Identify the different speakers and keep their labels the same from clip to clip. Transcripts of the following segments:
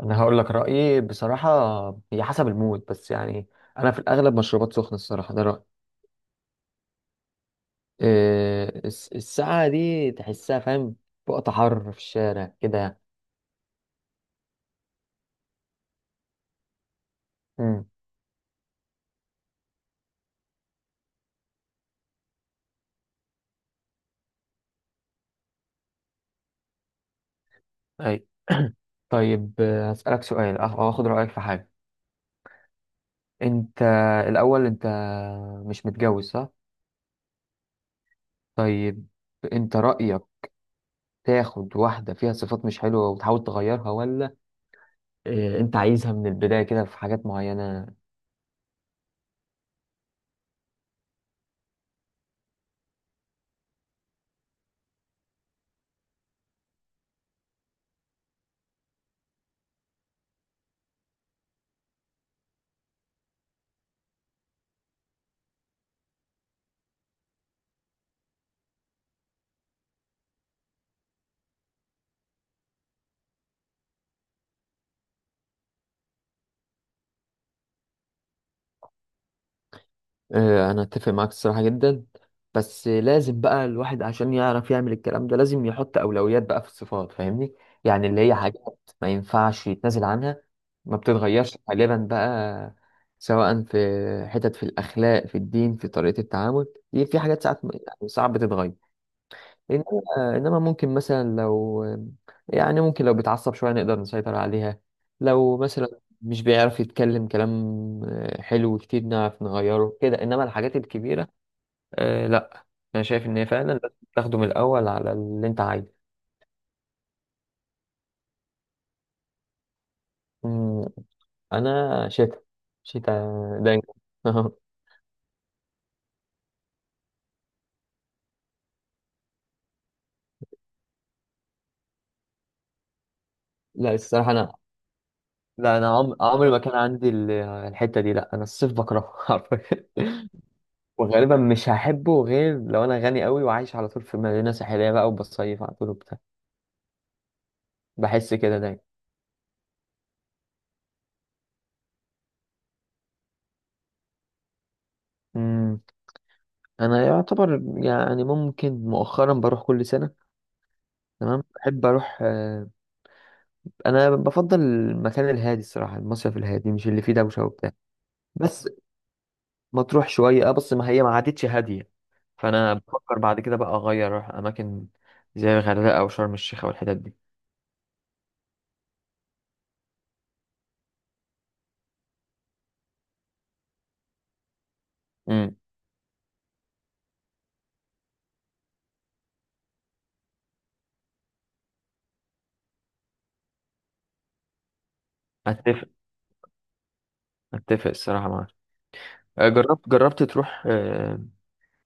Speaker 1: انا هقول لك رايي بصراحه. هي حسب المود بس يعني. انا في الاغلب مشروبات سخنه الصراحه، ده رايي. إيه الساعه دي تحسها، فاهم؟ وقت حر في الشارع كده. امم اي. طيب آه، هسالك سؤال أخ- او اخد رايك في حاجه. انت انت مش متجوز، صح؟ طيب، انت رايك تاخد واحده فيها صفات مش حلوه وتحاول تغيرها، ولا إيه؟ انت عايزها من البدايه كده في حاجات معينه؟ آه، انا اتفق معاك الصراحه جدا. بس لازم بقى الواحد عشان يعرف يعمل الكلام ده لازم يحط اولويات بقى في الصفات، فاهمني؟ يعني اللي هي حاجات ما ينفعش يتنازل عنها، ما بتتغيرش غالبا بقى. سواء في حتت في الاخلاق، في الدين، في طريقه التعامل، دي في حاجات ساعات يعني صعب تتغير. انما ممكن مثلا لو، يعني ممكن لو بيتعصب شويه نقدر نسيطر عليها. لو مثلا مش بيعرف يتكلم كلام، آه، حلو كتير نعرف نغيره كده. انما الحاجات الكبيره، آه لا، انا شايف ان هي فعلا لازم تاخده من الاول على اللي انت عايزه. أمم، انا شتا. شتا دايما. لا الصراحه انا، لا انا عمري ما كان عندي الحته دي. لا انا الصيف بكرهه حرفيا. وغالبا مش هحبه غير لو انا غني قوي وعايش على طول في مدينه ساحليه بقى وبصيف على طول وبتاع. بحس كده دايما. امم انا يعتبر يعني ممكن مؤخرا بروح كل سنه. تمام، بحب اروح آه، انا بفضل المكان الهادي الصراحه، المصيف الهادي مش اللي فيه دوشه وبتاع. بس ما تروح شويه اه بس ما هي ما عادتش هاديه. فانا بفكر بعد كده بقى اغير اروح اماكن زي الغردقه او شرم الشيخ او الحتت دي. امم اتفق، الصراحه معاك. آه، جربت تروح آه،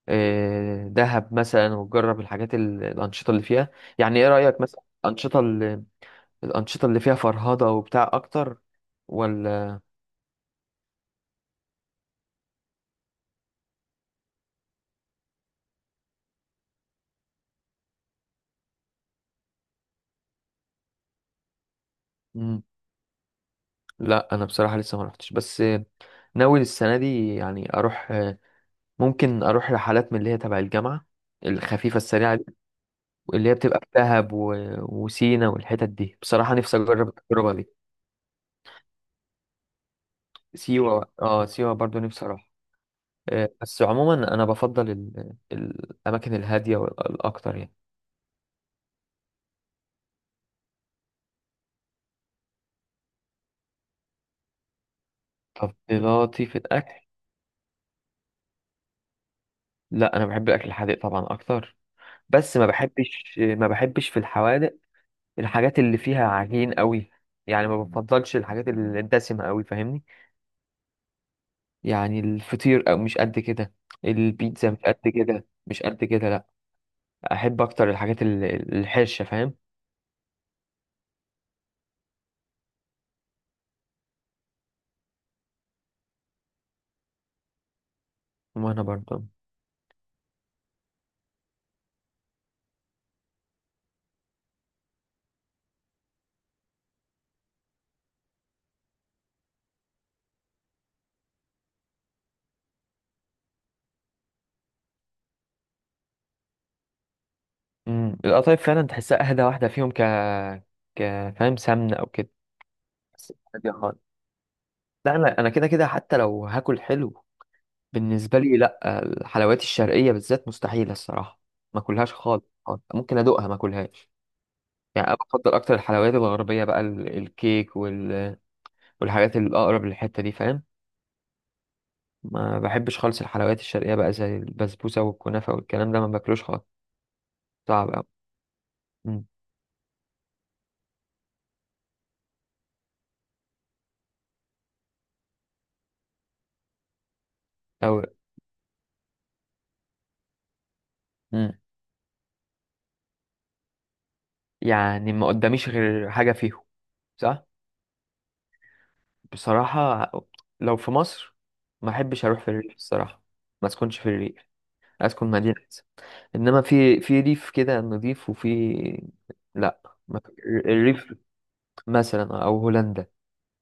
Speaker 1: آه، دهب مثلا وتجرب الحاجات الأنشطة اللي فيها. يعني ايه رأيك مثلا الأنشطة الأنشطة اللي فيها فرهضة وبتاع أكتر، ولا؟ مم. لا أنا بصراحة لسه ما رحتش، بس آه، ناوي السنة دي يعني أروح آه، ممكن أروح رحلات من اللي هي تبع الجامعة الخفيفة السريعة دي، واللي هي بتبقى في دهب و... وسينا والحتت دي. بصراحة نفسي أجرب التجربة دي. سيوة اه سيوة برضو نفسي أروح. آه، بس عموما أنا بفضل ال... الأماكن الهادية والأكتر يعني. تفضيلاتي في الاكل؟ لا انا بحب الاكل الحادق طبعا اكتر. بس ما بحبش في الحوادق الحاجات اللي فيها عجين قوي. يعني ما بفضلش الحاجات الدسمه قوي، فاهمني؟ يعني الفطير او مش قد كده. البيتزا مش قد كده، لا. احب اكتر الحاجات الحرشه، فاهم؟ وانا برضه. امم، القطايف فعلا تحسها اهدى واحده فيهم، ك ك فاهم؟ سمنه او كده، بس هادية خالص. لا انا، انا كده كده حتى لو هاكل حلو بالنسبة لي، لا الحلويات الشرقية بالذات مستحيلة الصراحة. ما كلهاش خالص خالص. ممكن أدوقها ما كلهاش. يعني أنا بفضل أكتر الحلويات الغربية بقى، الكيك وال... والحاجات الأقرب للحتة دي، فاهم؟ ما بحبش خالص الحلويات الشرقية بقى زي البسبوسة والكنافة والكلام ده، ما باكلوش خالص. صعب أوي. مم. أوي. مم. يعني ما قداميش غير حاجة فيهم، صح؟ بصراحة، لو في مصر ما أحبش أروح في الريف الصراحة. ما أسكنش في الريف، أسكن مدينة. انما في ريف كده نضيف وفي، لا ما في-، الريف مثلا او هولندا،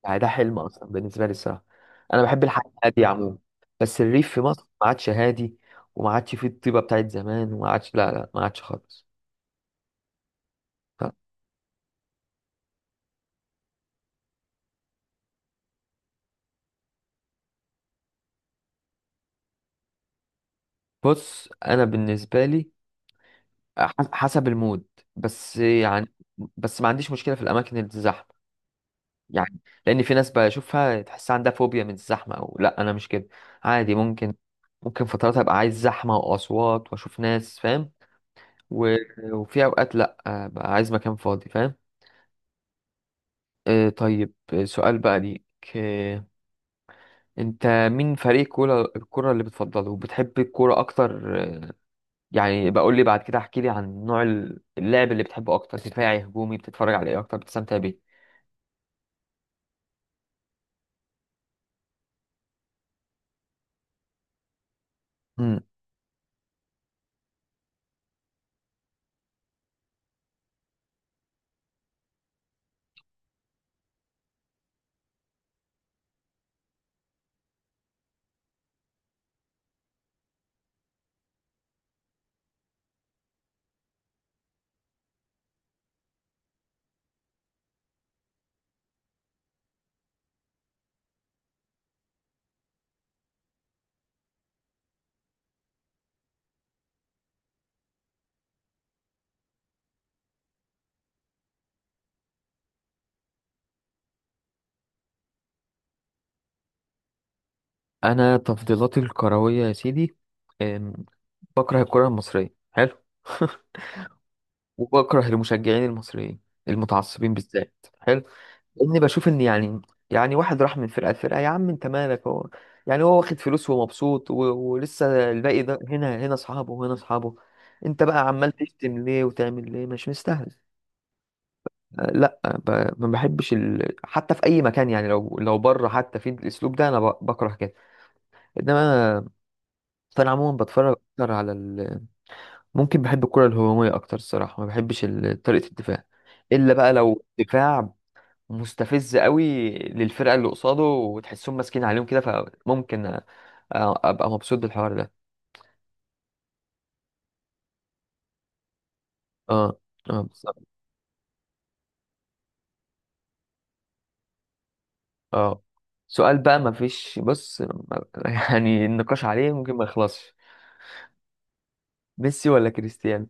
Speaker 1: يعني ده حلم اصلا بالنسبه لي الصراحه. انا بحب الحياه الهاديه عموما. بس الريف في مصر ما عادش هادي، وما عادش فيه الطيبه بتاعت زمان، وما عادش، لا ما عادش خالص. ف- بص انا بالنسبه لي ح- حسب المود بس يعني. بس ما عنديش مشكله في الاماكن اللي زحمه يعني. لان في ناس بشوفها تحس عندها فوبيا من الزحمه، او لا انا مش كده. عادي ممكن، ممكن فترات ابقى عايز زحمه واصوات واشوف ناس، فاهم؟ و... وفي اوقات لا، بقى عايز مكان فاضي، فاهم؟ آه طيب آه، سؤال بقى ليك آه. انت مين فريق الكوره اللي بتفضله، وبتحب الكوره اكتر آه، يعني بقول لي بعد كده احكي لي عن نوع اللعب اللي بتحبه اكتر؟ دفاعي هجومي؟ بتتفرج على ايه اكتر بتستمتع بيه؟ انا تفضيلاتي الكرويه يا سيدي، أم، بكره الكره المصريه، حلو. وبكره المشجعين المصريين المتعصبين بالذات، حلو. لاني بشوف ان يعني، يعني واحد راح من فرقه لفرقه، يا عم انت مالك؟ هو يعني هو واخد فلوس ومبسوط، و... ولسه الباقي ده هنا هنا اصحابه وهنا اصحابه. انت بقى عمال تشتم ليه وتعمل ليه؟ مش مستاهل. أه، لا ب... ما بحبش، ال... حتى في اي مكان يعني لو بره حتى في الاسلوب ده انا ب... بكره كده. انما، فانا عموما بتفرج اكتر على ال... ممكن بحب الكره الهجوميه اكتر الصراحه. ما بحبش طريقه الدفاع، الا بقى لو دفاع مستفز قوي للفرقه اللي قصاده وتحسهم ماسكين عليهم كده، فممكن ابقى مبسوط بالحوار ده. اه. اه بالظبط. اه سؤال بقى ما فيش بص ما- يعني النقاش عليه ممكن ما يخلصش. ميسي ولا كريستيانو؟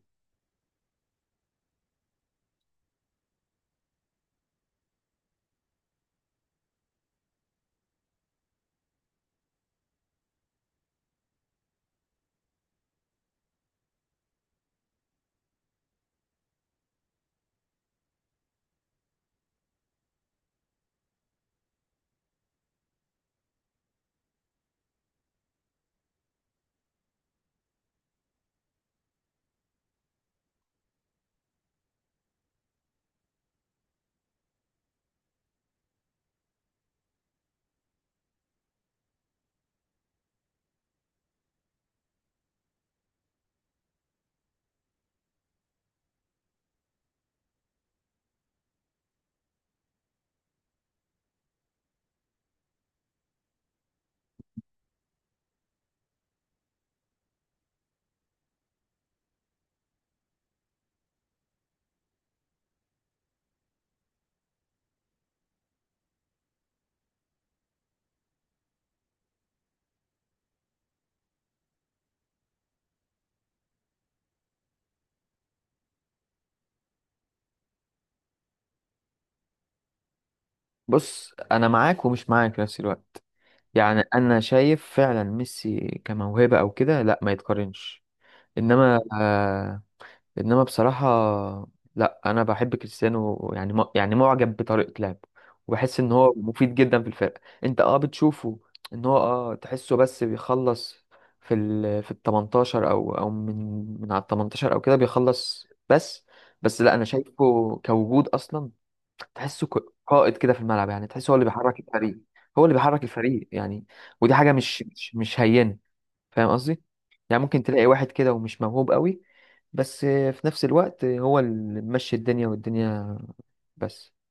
Speaker 1: بص، انا معاك ومش معاك في نفس الوقت. يعني انا شايف فعلا ميسي كموهبة او كده لا ما يتقارنش. انما آه، انما بصراحه، لا انا بحب كريستيانو. يعني م- يعني معجب بطريقه لعبه. وبحس ان هو مفيد جدا في الفرقه. انت اه بتشوفه ان هو اه تحسه بس بيخلص في ال، في ال 18 او، من على ال 18 او كده بيخلص بس. بس لا انا شايفه كوجود اصلا، تحسه ك- قائد كده في الملعب. يعني تحسه هو اللي بيحرك الفريق. هو اللي بيحرك الفريق يعني. ودي حاجه مش هينه، فاهم قصدي؟ يعني ممكن تلاقي واحد كده ومش موهوب قوي، بس في نفس الوقت هو اللي ماشي الدنيا والدنيا. بس